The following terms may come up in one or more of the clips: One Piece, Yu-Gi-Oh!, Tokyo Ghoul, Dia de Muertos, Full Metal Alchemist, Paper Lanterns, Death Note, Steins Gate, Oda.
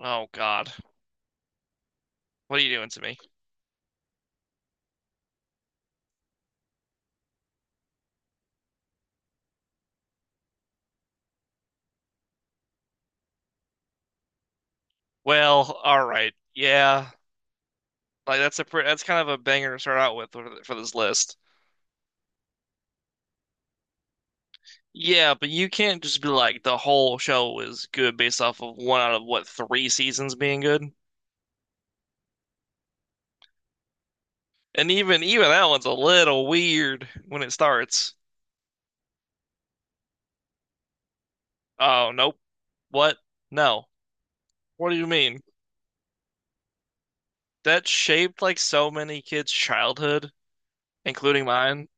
Oh God, what are you doing to me? Well, all right, yeah, like that's kind of a banger to start out with for this list. Yeah, but you can't just be like the whole show is good based off of one out of what three seasons being good. And even that one's a little weird when it starts. Oh nope, what? No, what do you mean? That shaped like so many kids' childhood, including mine.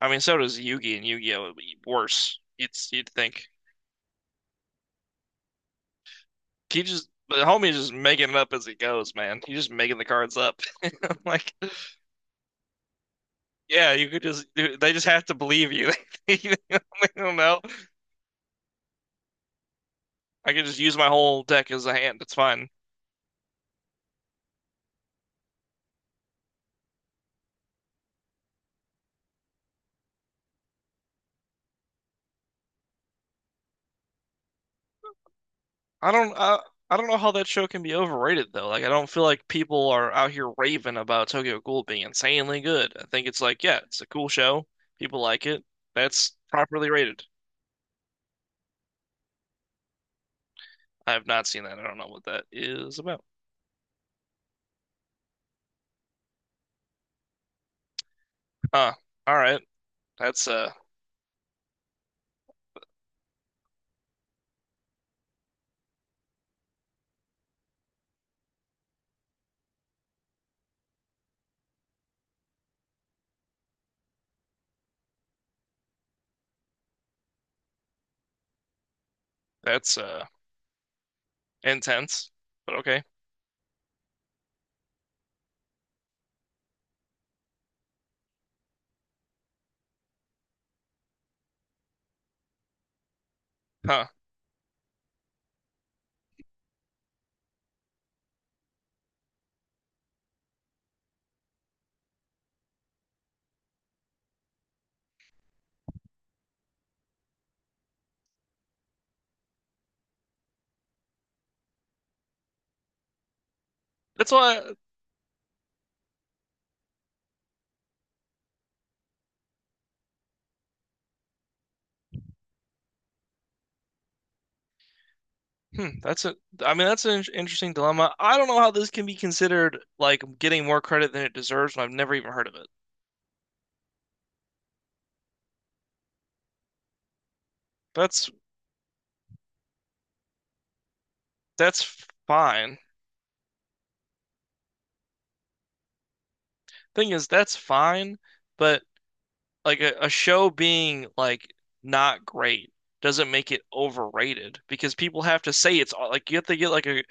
I mean, so does Yu-Gi and Yu-Gi-Oh! Worse, you'd think. He just The homie is just making it up as he goes, man. He's just making the cards up. I'm like, yeah, you could just they just have to believe you. they don't know. I can just use my whole deck as a hand. It's fine. I don't I, I don't know how that show can be overrated though. Like I don't feel like people are out here raving about Tokyo Ghoul being insanely good. I think it's like, yeah, it's a cool show. People like it. That's properly rated. I have not seen that. I don't know what that is about. Huh. All right. That's uh that's intense, but okay. Huh. That's why. Hmm, that's a. I mean, that's an interesting dilemma. I don't know how this can be considered like getting more credit than it deserves, and I've never even heard of it. That's that's fine. Thing is, that's fine, but like a show being like not great doesn't make it overrated because people have to say it's like you have to get like a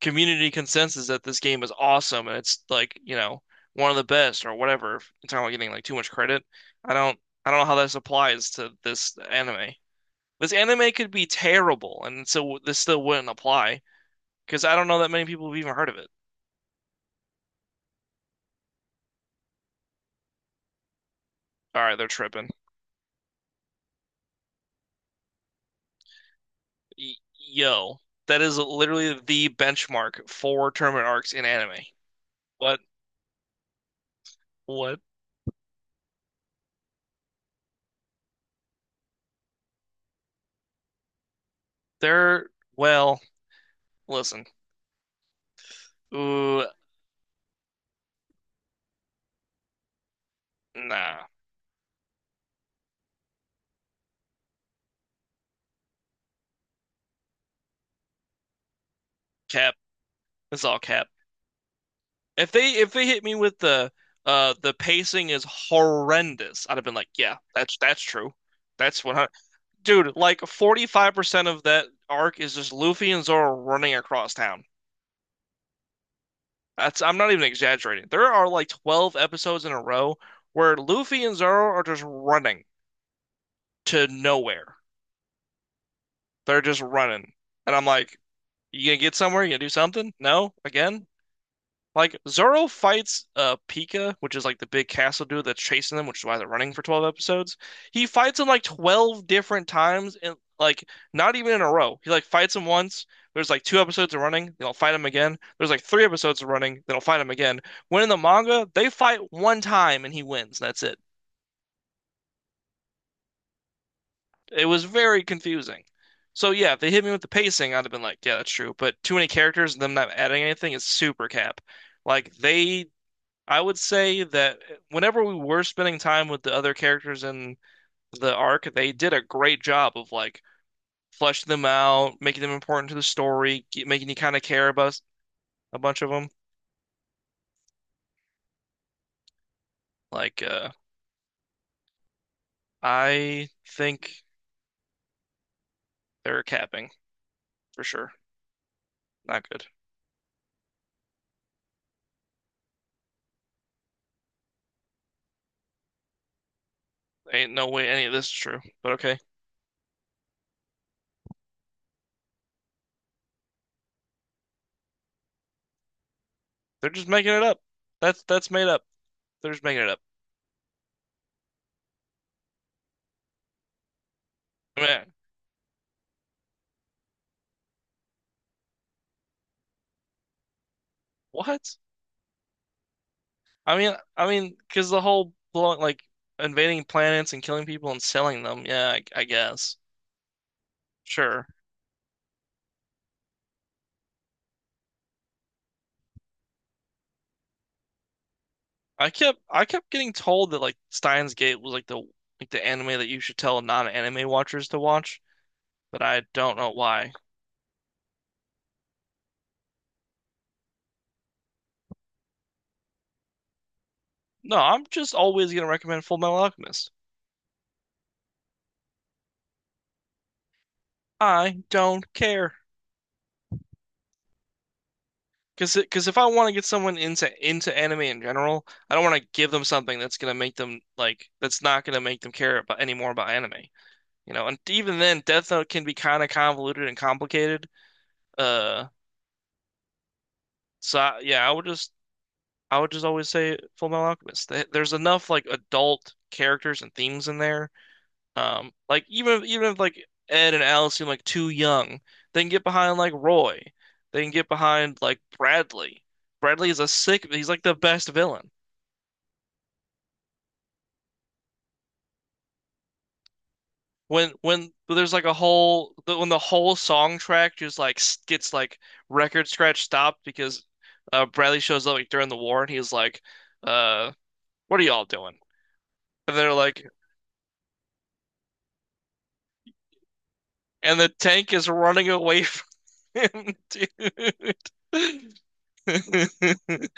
community consensus that this game is awesome and it's like, you know, one of the best or whatever. If you're getting like too much credit. I don't I don't know how this applies to this anime. This anime could be terrible and so this still wouldn't apply because I don't know that many people have even heard of it. All right, they're tripping. Yo, that is literally the benchmark for tournament arcs in anime. What? What? They're Well, listen. Ooh, nah. Cap. It's all cap. If they hit me with the pacing is horrendous, I'd have been like, yeah, that's true. That's what I, Dude, like 45% of that arc is just Luffy and Zoro running across town. That's I'm not even exaggerating. There are like 12 episodes in a row where Luffy and Zoro are just running to nowhere. They're just running. And I'm like, you gonna get somewhere? You gonna do something? No? Again? Like Zoro fights Pika, which is like the big castle dude that's chasing them, which is why they're running for 12 episodes. He fights him like 12 different times and like not even in a row. He like fights him once. There's like two episodes of running, they'll fight him again. There's like three episodes of running, they'll fight him again. When in the manga, they fight one time and he wins. And That's it. It was very confusing. So yeah, if they hit me with the pacing, I'd have been like, yeah, that's true. But too many characters and them not adding anything is super cap. Like they I would say that whenever we were spending time with the other characters in the arc, they did a great job of like fleshing them out, making them important to the story, making you kind of care about a bunch of them. Like, uh, I think they're capping for sure. Not good. Ain't no way any of this is true. But okay, they're just making it up. That's made up. They're just making it up. I mean, what? I mean, because the whole blowing like invading planets and killing people and selling them. Yeah, I guess. Sure. I kept getting told that like Steins Gate was like the anime that you should tell non-anime watchers to watch, but I don't know why. No, I'm just always gonna recommend Full Metal Alchemist. I don't care. Cause if I want to get someone into anime in general, I don't want to give them something that's gonna make them like that's not gonna make them care about any more about anime, you know. And even then, Death Note can be kind of convoluted and complicated. Uh, yeah, I would just always say Full Metal Alchemist. There's enough like adult characters and themes in there. Like even if like Ed and Alice seem like too young, they can get behind like Roy. They can get behind like Bradley. Bradley is a sick. He's like the best villain. When there's like a whole when the whole song track just like gets like record scratch stopped because Bradley shows up like during the war and he's like, uh, "What are y'all doing?" And they're like, and the tank is running away from him, dude.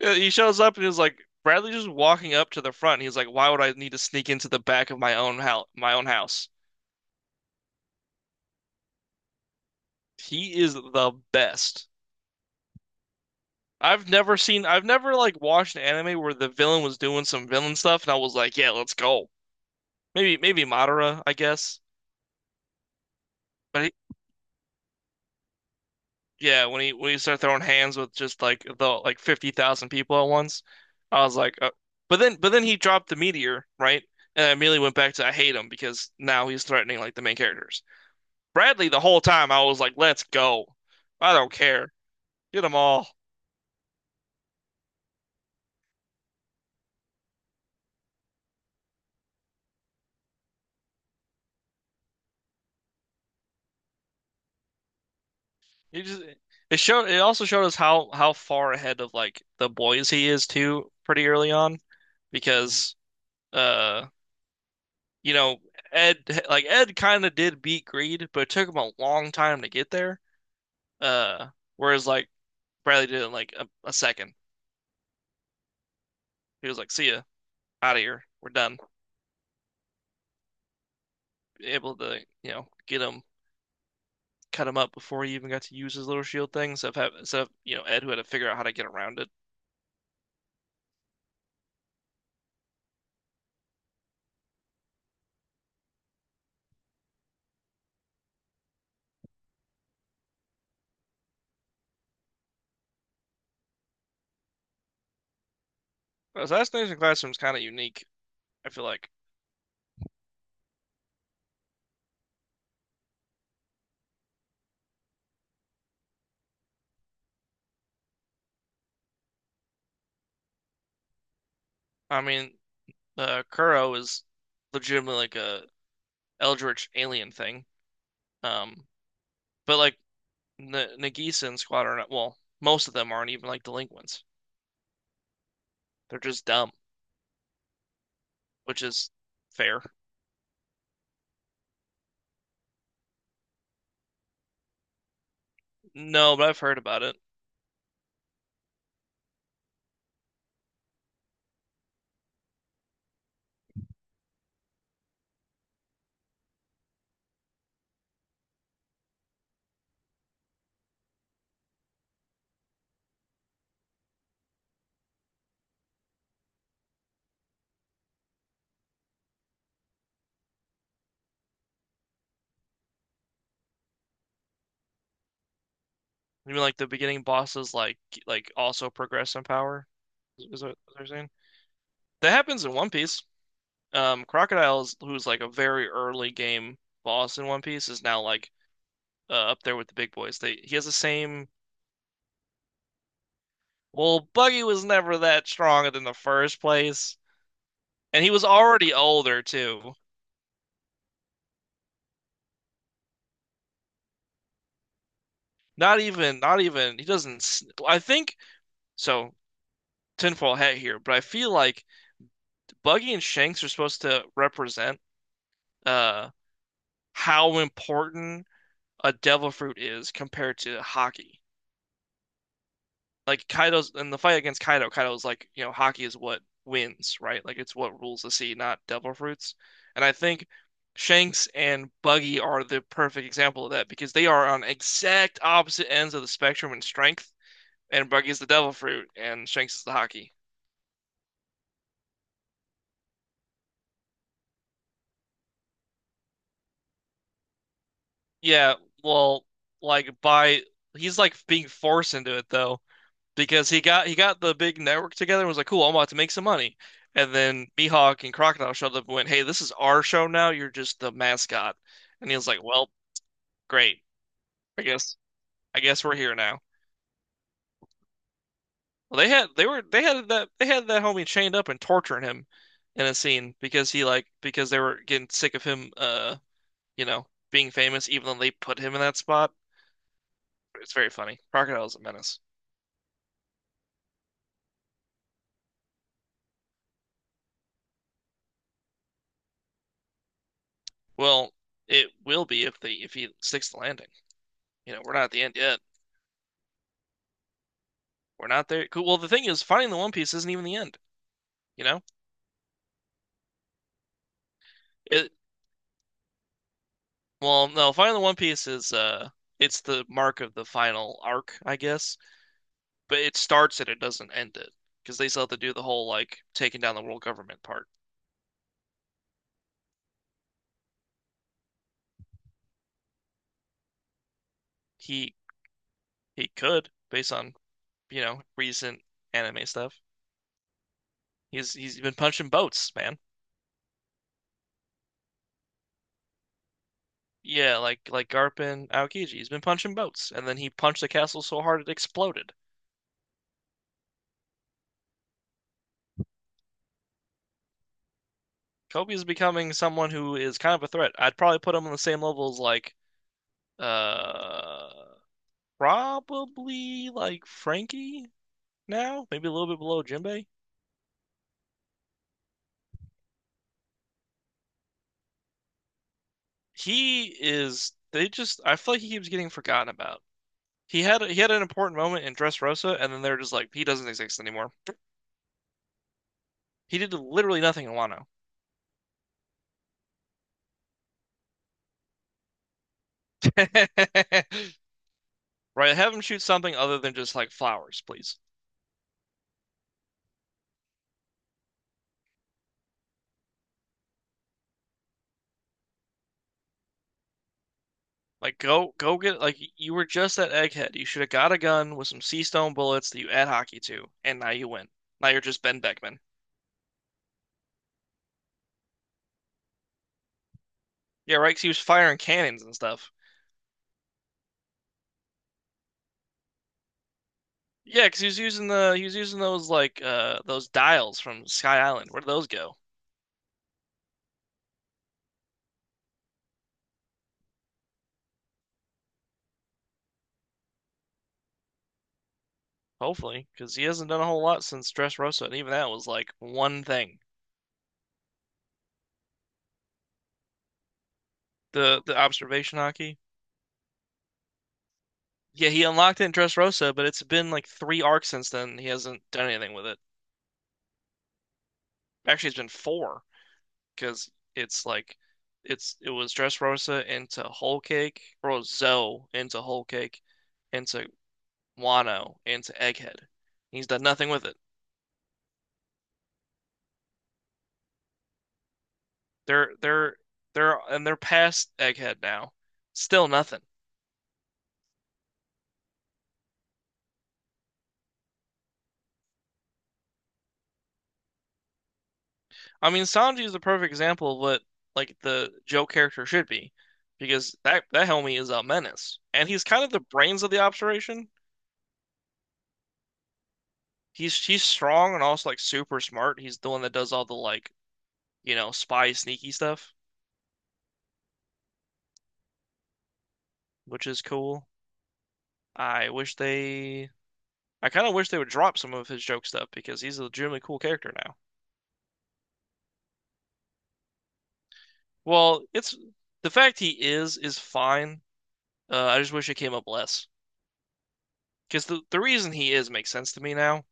He shows up and he's like, Bradley just walking up to the front. He's like, why would I need to sneak into the back of my own my own house? He is the best. I've never like watched an anime where the villain was doing some villain stuff and I was like, yeah, let's go. Maybe Madara, I guess. But yeah, when he started throwing hands with just like the like 50,000 people at once, I was like, but then he dropped the meteor, right? And I immediately went back to I hate him because now he's threatening like the main characters. Bradley, the whole time I was like, let's go. I don't care. Get them all. He just It showed it also showed us how far ahead of like the boys he is too pretty early on because uh you know Ed like Ed kind of did beat Greed, but it took him a long time to get there. Uh, Whereas like Bradley did it in like a second. He was like, "See ya, out of here, we're done." Able to you know get him, cut him up before he even got to use his little shield thing. So you know Ed who had to figure out how to get around it. Assassination Classroom's kind of unique. I feel like. I mean, Kuro is legitimately like a Eldritch alien thing. Um, but like N Nagisa and Squad are not. Well, most of them aren't even like delinquents. They're just dumb, which is fair. No, but I've heard about it. You mean like the beginning bosses like also progress in power? Is what they're saying? That happens in One Piece. Crocodile's who's like a very early game boss in One Piece is now like up there with the big boys. They He has the same. Well, Buggy was never that strong in the first place, and he was already older too. Not even. He doesn't. I think so. Tinfoil hat here, but I feel like Buggy and Shanks are supposed to represent uh how important a devil fruit is compared to hockey. Like Kaido's in the fight against Kaido, Kaido's like, you know, hockey is what wins, right? Like it's what rules the sea, not devil fruits. And I think Shanks and Buggy are the perfect example of that because they are on exact opposite ends of the spectrum in strength, and Buggy's the devil fruit and Shanks is the hockey. Yeah, well, like by he's like being forced into it though. Because he got the big network together and was like, "Cool, I'm about to make some money." And then Mihawk and Crocodile showed up and went, "Hey, this is our show now. You're just the mascot." And he was like, "Well, great. I guess I guess we're here now." Well, they had that they had that homie chained up and torturing him in a scene because he like because they were getting sick of him, you know, being famous, even though they put him in that spot. It's very funny. Crocodile's a menace. Well, it will be if they if he sticks the landing. You know, we're not at the end yet. We're not there. Cool. Well, the thing is, finding the One Piece isn't even the end. You know, it. Well, no, finding the One Piece is it's the mark of the final arc, I guess. But it starts it. It doesn't end it because they still have to do the whole like taking down the world government part. He he could based on you know recent anime stuff. He's been punching boats, man. Yeah, like Garp and Aokiji. He's been punching boats, and then he punched the castle so hard it exploded. Kobe is becoming someone who is kind of a threat. I'd probably put him on the same level as like Uh, probably like Frankie now, maybe a little bit below Jinbei. He is. They just. I feel like he keeps getting forgotten about. He had an important moment in Dressrosa, and then they're just like he doesn't exist anymore. He did literally nothing in Wano. Right, have him shoot something other than just like flowers, please. Like go get like you were just that egghead. You should have got a gun with some sea stone bullets that you add hockey to, and now you win. Now you're just Ben Beckman. Yeah, right. 'Cause he was firing cannons and stuff. Yeah, because he was using the he was using those like those dials from Sky Island. Where did those go? Hopefully, because he hasn't done a whole lot since Dressrosa, and even that was like one thing. The observation hockey. Yeah, he unlocked it in Dressrosa, but it's been like three arcs since then. He hasn't done anything with it. Actually, it's been four because it's like it's it was Dressrosa into Whole Cake, or Zoe into Whole Cake, into Wano, into Egghead. He's done nothing with it. They're they're they're and they're past Egghead now. Still nothing. I mean, Sanji is the perfect example of what like the Joe character should be, because that homie is a menace, and he's kind of the brains of the operation. He's strong and also like super smart. He's the one that does all the like spy sneaky stuff, which is cool. I wish they I kind of wish they would drop some of his joke stuff because he's a legitimately cool character now. Well, it's the fact he is fine. I just wish it came up less because the reason he is makes sense to me now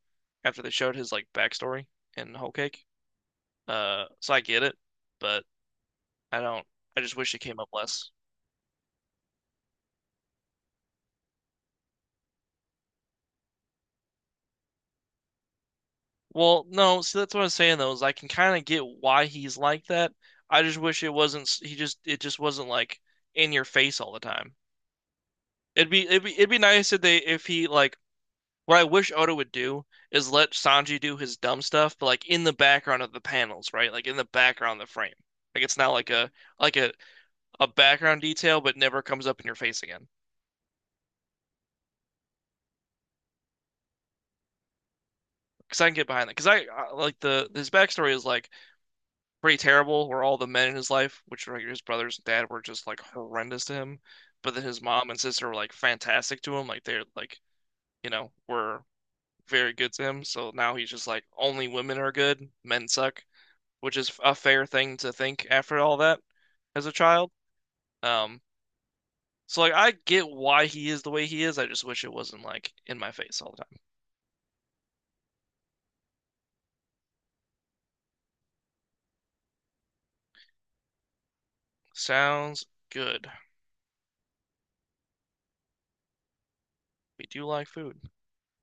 after they showed his like backstory in Whole Cake. So I get it, but I don't. I just wish it came up less. Well, no, see that's what I was saying though, is I can kind of get why he's like that. I just wish it wasn't. He just it just wasn't like in your face all the time. It'd be nice if they if he like what I wish Oda would do is let Sanji do his dumb stuff, but like in the background of the panels, right? Like in the background of the frame. Like it's not like like a a background detail, but never comes up in your face again. Because I can get behind that. Like the his backstory is like pretty terrible, where all the men in his life, which were like his brothers and dad, were just like horrendous to him. But then his mom and sister were like fantastic to him. Like they're like were very good to him. So now he's just like only women are good, men suck, which is a fair thing to think after all that as a child. Um, so like I get why he is the way he is. I just wish it wasn't like in my face all the time. Sounds good. We do like food.